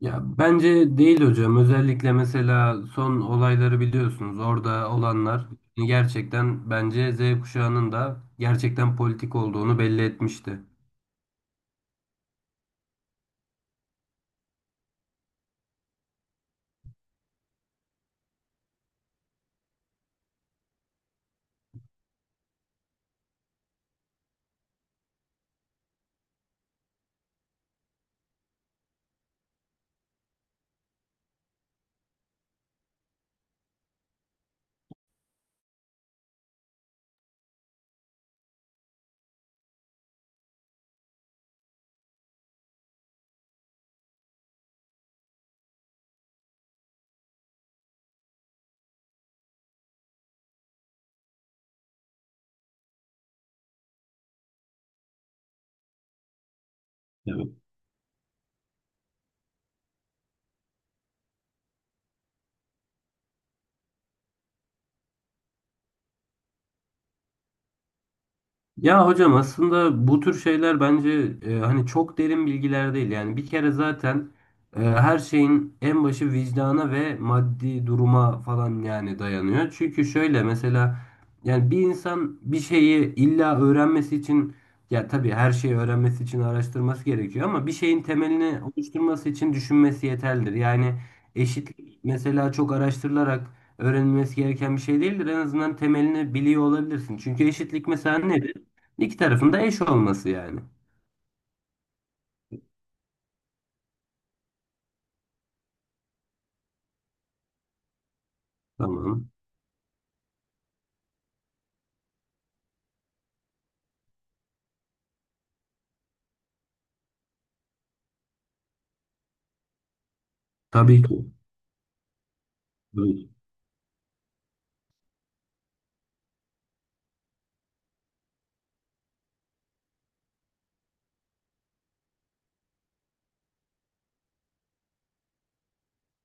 Ya bence değil hocam. Özellikle mesela son olayları biliyorsunuz. Orada olanlar yani gerçekten bence Z kuşağının da gerçekten politik olduğunu belli etmişti. Ya hocam aslında bu tür şeyler bence hani çok derin bilgiler değil. Yani bir kere zaten her şeyin en başı vicdana ve maddi duruma falan yani dayanıyor. Çünkü şöyle mesela yani bir insan bir şeyi illa öğrenmesi için ya tabii her şeyi öğrenmesi için araştırması gerekiyor ama bir şeyin temelini oluşturması için düşünmesi yeterlidir. Yani eşitlik mesela çok araştırılarak öğrenilmesi gereken bir şey değildir. En azından temelini biliyor olabilirsin. Çünkü eşitlik mesela ne? İki tarafında eş olması yani. Tamam. Tabii ki. Tabii ki.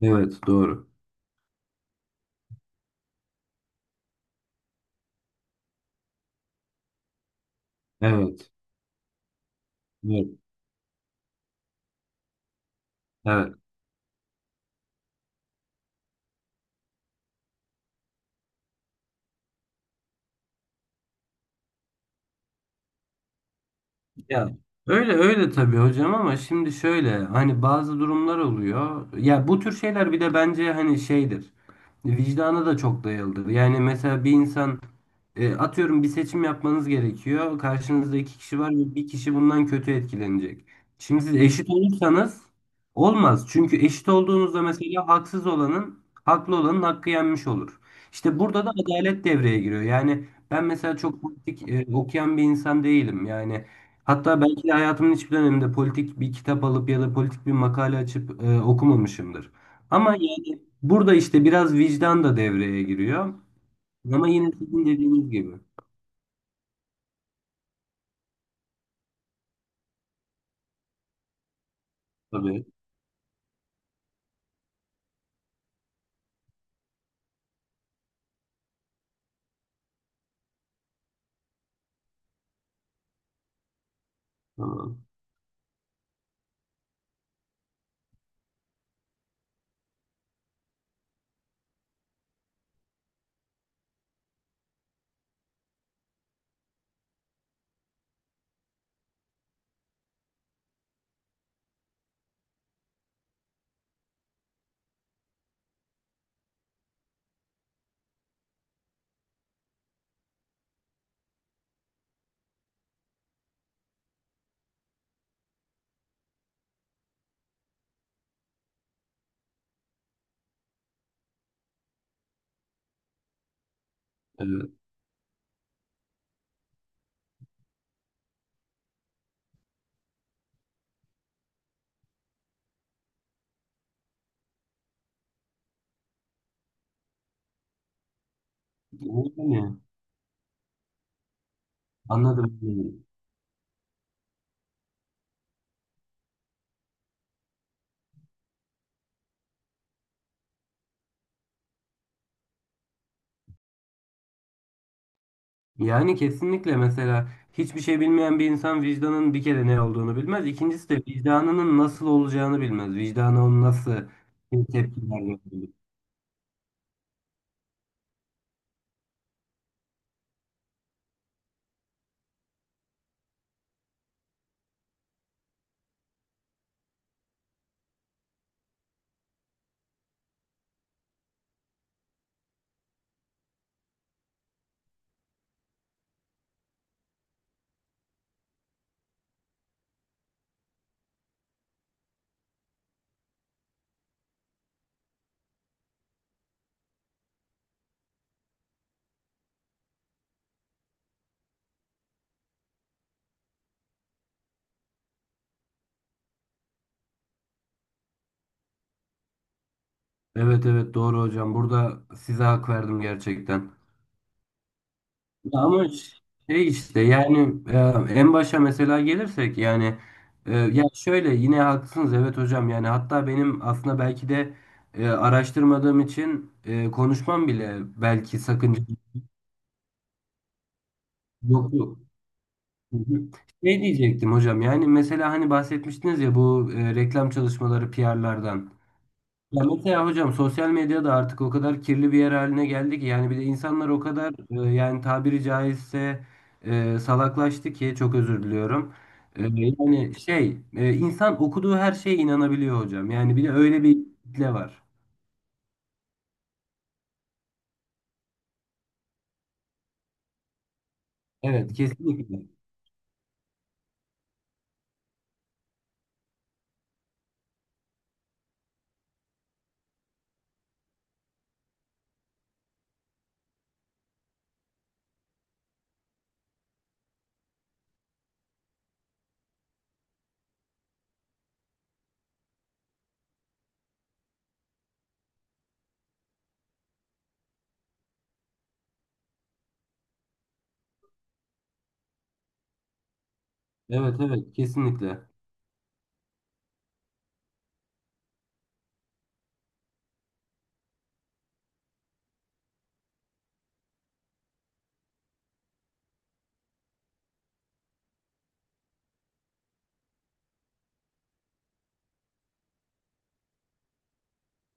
Evet, doğru. Evet. Evet. Evet. Ya öyle öyle tabii hocam ama şimdi şöyle hani bazı durumlar oluyor. Ya bu tür şeyler bir de bence hani şeydir. Vicdana da çok dayalıdır. Yani mesela bir insan atıyorum bir seçim yapmanız gerekiyor. Karşınızda iki kişi var ve bir kişi bundan kötü etkilenecek. Şimdi siz eşit olursanız olmaz. Çünkü eşit olduğunuzda mesela haksız olanın haklı olanın hakkı yenmiş olur. İşte burada da adalet devreye giriyor. Yani ben mesela çok politik okuyan bir insan değilim. Yani hatta belki de hayatımın hiçbir döneminde politik bir kitap alıp ya da politik bir makale açıp okumamışımdır. Ama yani burada işte biraz vicdan da devreye giriyor. Ama yine sizin dediğiniz gibi. Tabii. Tamam. Evet. Yani, anladım. Yani kesinlikle mesela hiçbir şey bilmeyen bir insan vicdanın bir kere ne olduğunu bilmez. İkincisi de vicdanının nasıl olacağını bilmez. Vicdana onu nasıl tepkiler verdiğini. Evet evet doğru hocam. Burada size hak verdim gerçekten. Ya ama şey işte yani en başa mesela gelirsek yani ya şöyle yine haklısınız evet hocam yani hatta benim aslında belki de araştırmadığım için konuşmam bile belki sakınca yoktu. Hı hı. Şey diyecektim hocam yani mesela hani bahsetmiştiniz ya bu reklam çalışmaları PR'lardan. Ya mesela hocam sosyal medya da artık o kadar kirli bir yer haline geldi ki yani bir de insanlar o kadar yani tabiri caizse salaklaştı ki çok özür diliyorum. Yani insan okuduğu her şeye inanabiliyor hocam. Yani bir de öyle bir kitle var. Evet kesinlikle. Evet evet kesinlikle.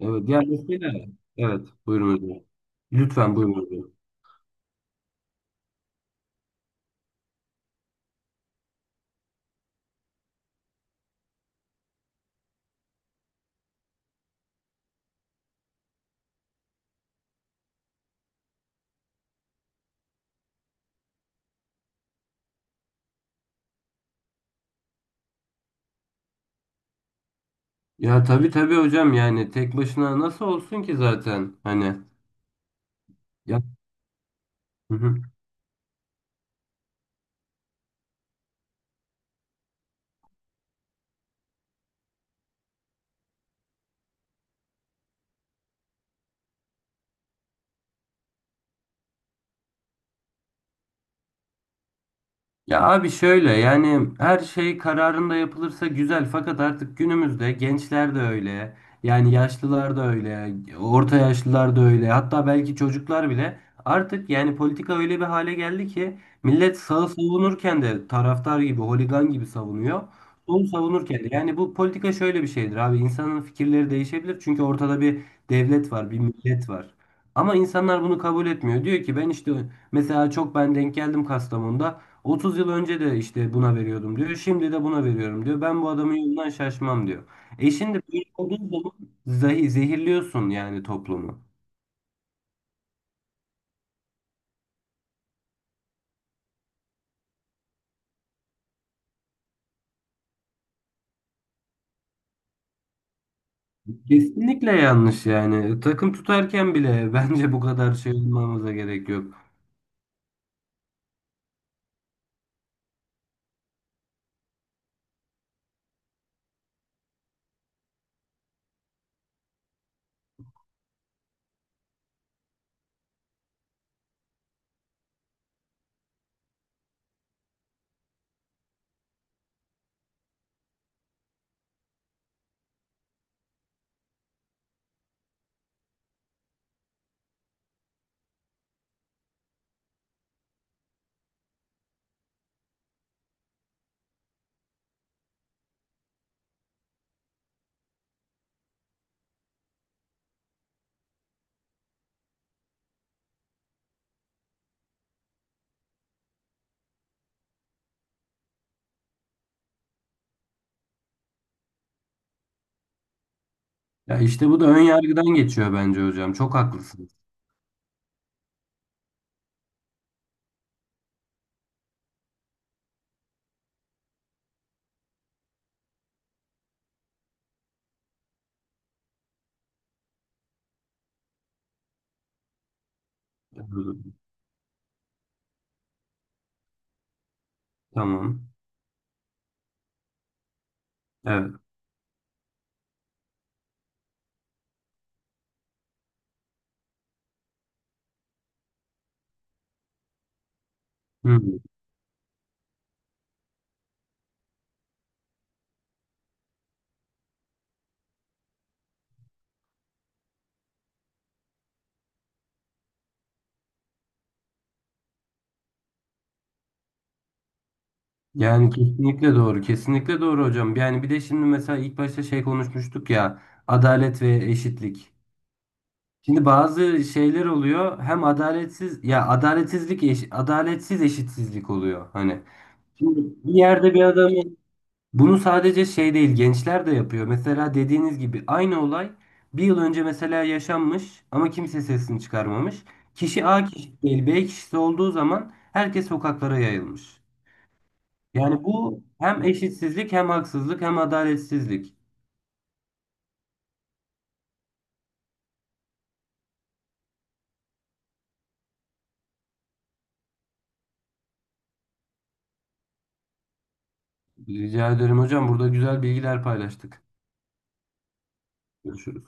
Evet yani mesela evet buyurun hocam. Lütfen buyurun hocam. Ya tabii tabii hocam yani tek başına nasıl olsun ki zaten hani ya. Hı hı. Ya abi şöyle yani her şey kararında yapılırsa güzel fakat artık günümüzde gençler de öyle yani yaşlılar da öyle orta yaşlılar da öyle hatta belki çocuklar bile artık yani politika öyle bir hale geldi ki millet sağı savunurken de taraftar gibi holigan gibi savunuyor solu savunurken de yani bu politika şöyle bir şeydir abi insanın fikirleri değişebilir çünkü ortada bir devlet var bir millet var. Ama insanlar bunu kabul etmiyor. Diyor ki ben işte mesela çok ben denk geldim Kastamonu'da. 30 yıl önce de işte buna veriyordum diyor. Şimdi de buna veriyorum diyor. Ben bu adamın yolundan şaşmam diyor. E şimdi böyle olduğu zaman zehirliyorsun yani toplumu. Kesinlikle yanlış yani. Takım tutarken bile bence bu kadar şey olmamıza gerek yok. Ya işte bu da ön yargıdan geçiyor bence hocam. Çok haklısınız. Tamam. Evet. Hı. Yani kesinlikle doğru. Kesinlikle doğru hocam. Yani bir de şimdi mesela ilk başta şey konuşmuştuk ya. Adalet ve eşitlik. Şimdi bazı şeyler oluyor hem adaletsiz ya adaletsizlik adaletsiz eşitsizlik oluyor hani. Şimdi bir yerde bir adamın bunu sadece şey değil gençler de yapıyor. Mesela dediğiniz gibi aynı olay bir yıl önce mesela yaşanmış ama kimse sesini çıkarmamış. Kişi A kişisi değil B kişisi olduğu zaman herkes sokaklara yayılmış. Yani bu hem eşitsizlik hem haksızlık hem adaletsizlik. Rica ederim hocam burada güzel bilgiler paylaştık. Görüşürüz.